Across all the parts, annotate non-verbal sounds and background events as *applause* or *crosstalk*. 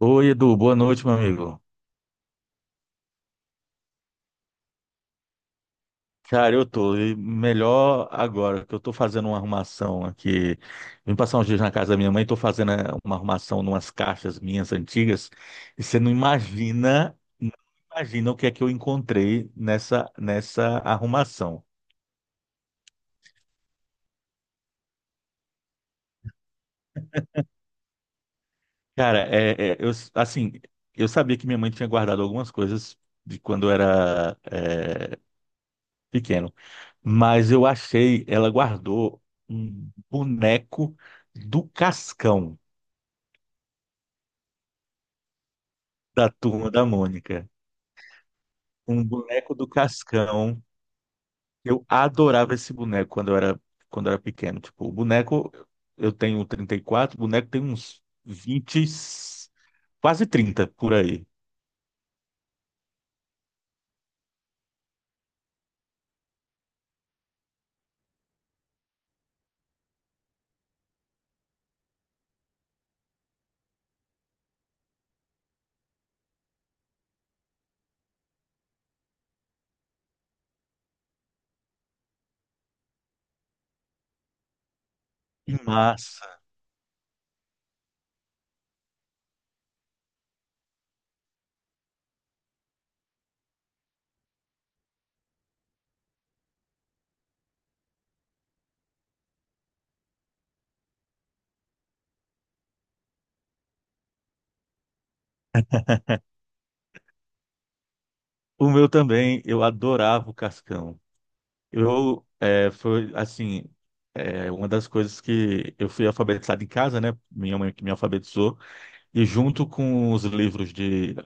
Oi, Edu, boa noite, meu amigo. Cara, eu tô e melhor agora, que eu tô fazendo uma arrumação aqui. Vim passar uns dias na casa da minha mãe, tô fazendo uma arrumação numas caixas minhas antigas, e você não imagina, não imagina o que é que eu encontrei nessa arrumação. Cara, eu, assim, eu sabia que minha mãe tinha guardado algumas coisas de quando eu era pequeno. Mas eu achei, ela guardou um boneco do Cascão, da Turma da Mônica. Um boneco do Cascão. Eu adorava esse boneco quando eu era pequeno. Tipo, o boneco, eu tenho 34, o boneco tem uns 20 quase 30 por aí. Que massa! O meu também, eu adorava o Cascão. Eu, é, foi assim, é, uma das coisas que eu fui alfabetizado em casa, né? Minha mãe que me alfabetizou. E junto com os livros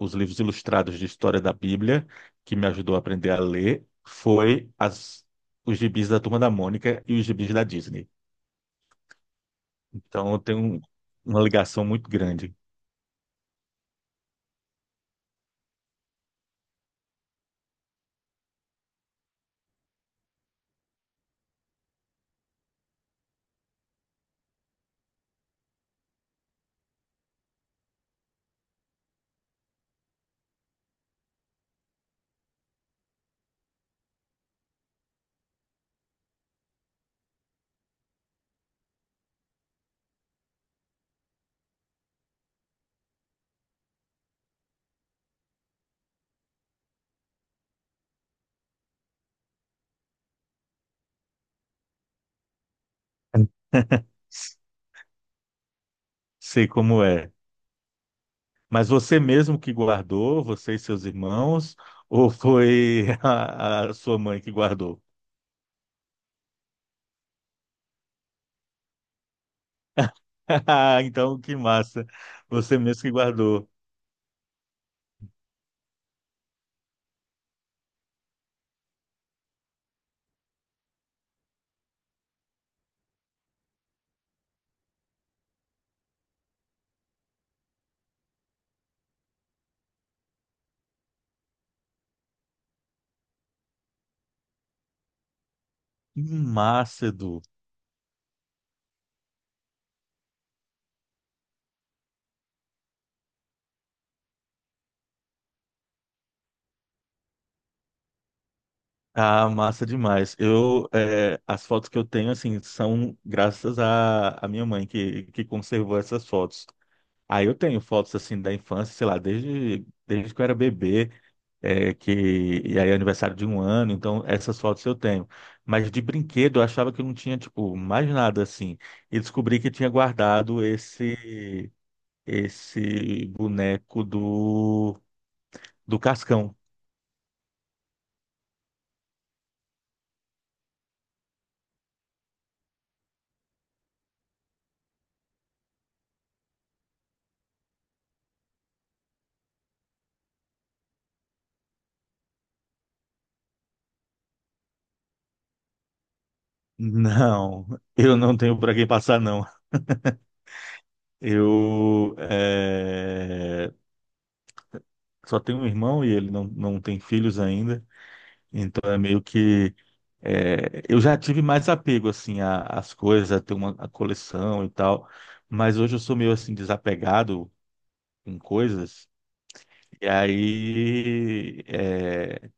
os livros ilustrados de história da Bíblia, que me ajudou a aprender a ler, foi as, os gibis da Turma da Mônica e os gibis da Disney. Então uma ligação muito grande. *laughs* Sei como é. Mas você mesmo que guardou, você e seus irmãos, ou foi *laughs* a sua mãe que guardou? *laughs* Então, que massa. Você mesmo que guardou. Que massa, Edu. Ah, massa demais. Eu, é, as fotos que eu tenho, assim, são graças à minha mãe que conservou essas fotos. Aí eu tenho fotos, assim, da infância, sei lá, desde que eu era bebê, é, que, e aí é aniversário de um ano, então essas fotos eu tenho. Mas de brinquedo eu achava que não tinha, tipo, mais nada, assim. E descobri que tinha guardado esse boneco do, do Cascão. *laughs* Não, eu não tenho para quem passar, não. Eu só tenho um irmão e ele não, não tem filhos ainda, então é meio que eu já tive mais apego assim às coisas, a ter uma a coleção e tal, mas hoje eu sou meio assim desapegado com coisas. E aí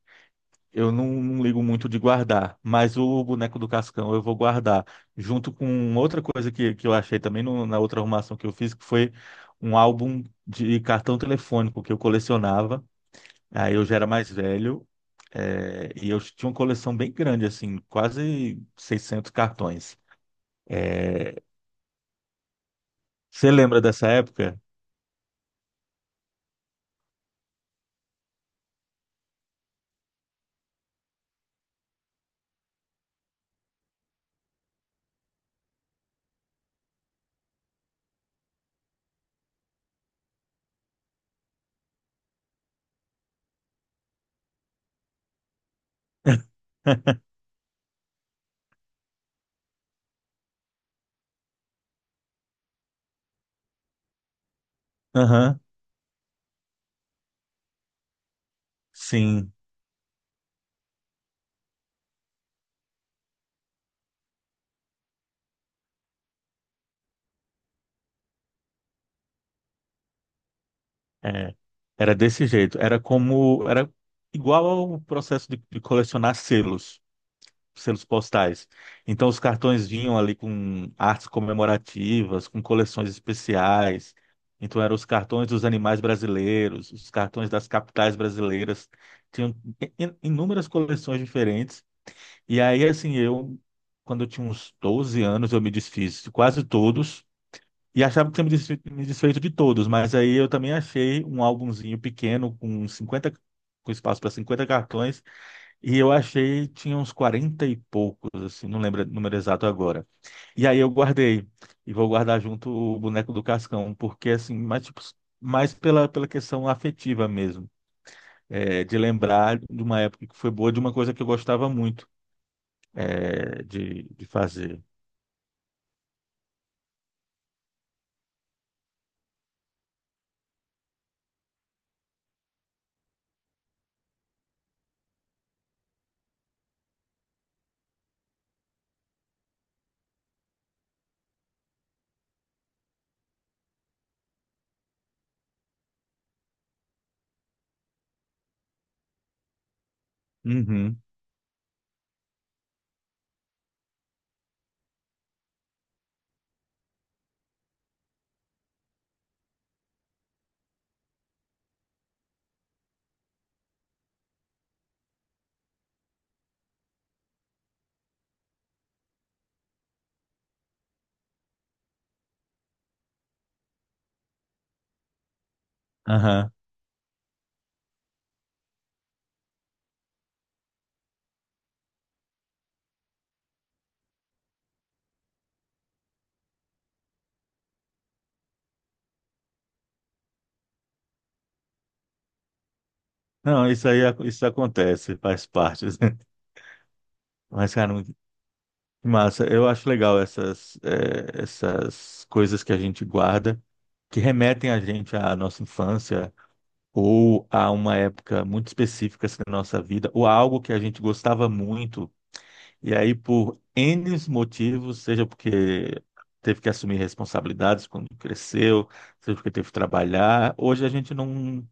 eu não, não ligo muito de guardar, mas o boneco do Cascão eu vou guardar, junto com outra coisa que eu achei também na outra arrumação que eu fiz, que foi um álbum de cartão telefônico que eu colecionava. Aí eu já era mais velho, é, e eu tinha uma coleção bem grande, assim, quase 600 cartões. É, você lembra dessa época? *laughs* Aham, sim, é. Era desse jeito. Era como, era igual ao processo de colecionar selos. Selos postais. Então, os cartões vinham ali com artes comemorativas, com coleções especiais. Então, eram os cartões dos animais brasileiros, os cartões das capitais brasileiras. Tinham inúmeras coleções diferentes. E aí, assim, eu, quando eu tinha uns 12 anos, eu me desfiz de quase todos. E achava que tinha me desfeito de todos, mas aí eu também achei um álbumzinho pequeno com espaço para 50 cartões e eu achei, tinha uns 40 e poucos, assim, não lembro o número exato agora. E aí eu guardei, e vou guardar junto o boneco do Cascão, porque assim, mais, tipo, mais pela, pela questão afetiva mesmo, é, de lembrar de uma época que foi boa, de uma coisa que eu gostava muito, é, de fazer. Uhum, aham. Não, isso aí, isso acontece, faz parte. *laughs* Mas, cara, que massa, eu acho legal essas, é, essas coisas que a gente guarda, que remetem a gente à nossa infância, ou a uma época muito específica assim, da nossa vida, ou a algo que a gente gostava muito, e aí por N motivos, seja porque teve que assumir responsabilidades quando cresceu, seja porque teve que trabalhar, hoje a gente não,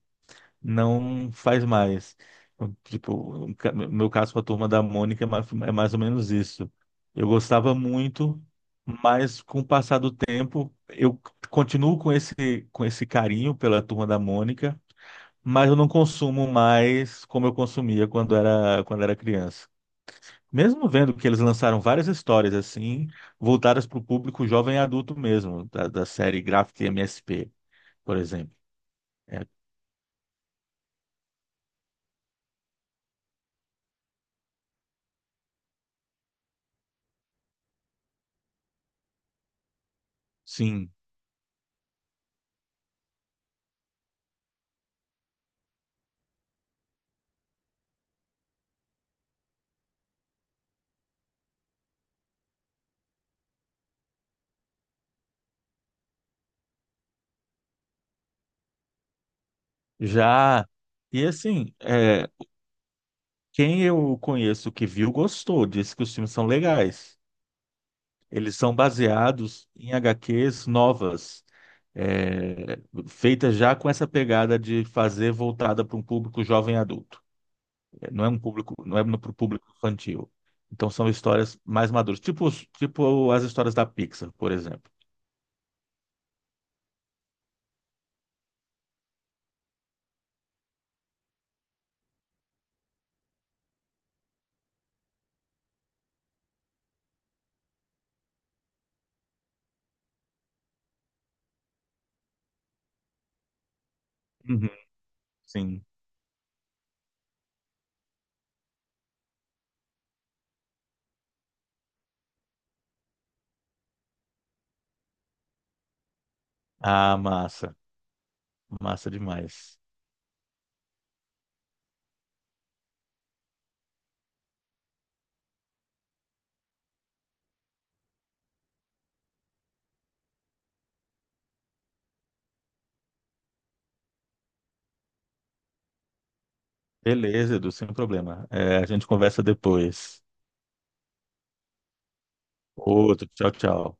não faz mais. Então, tipo, meu caso com a Turma da Mônica é mais ou menos isso. Eu gostava muito, mas com o passar do tempo, eu continuo com esse carinho pela Turma da Mônica, mas eu não consumo mais como eu consumia quando era criança. Mesmo vendo que eles lançaram várias histórias assim, voltadas para o público jovem e adulto mesmo, da série Graphic MSP, por exemplo. É, sim, já. E assim, é, quem eu conheço que viu gostou, disse que os filmes são legais. Eles são baseados em HQs novas, é, feitas já com essa pegada de fazer voltada para um público jovem e adulto. Não é um público, não é para o público infantil. Então são histórias mais maduras, tipo, tipo as histórias da Pixar, por exemplo. Uhum. Sim. Ah, massa. Massa demais. Beleza, Edu, sem problema. É, a gente conversa depois. Outro, tchau, tchau.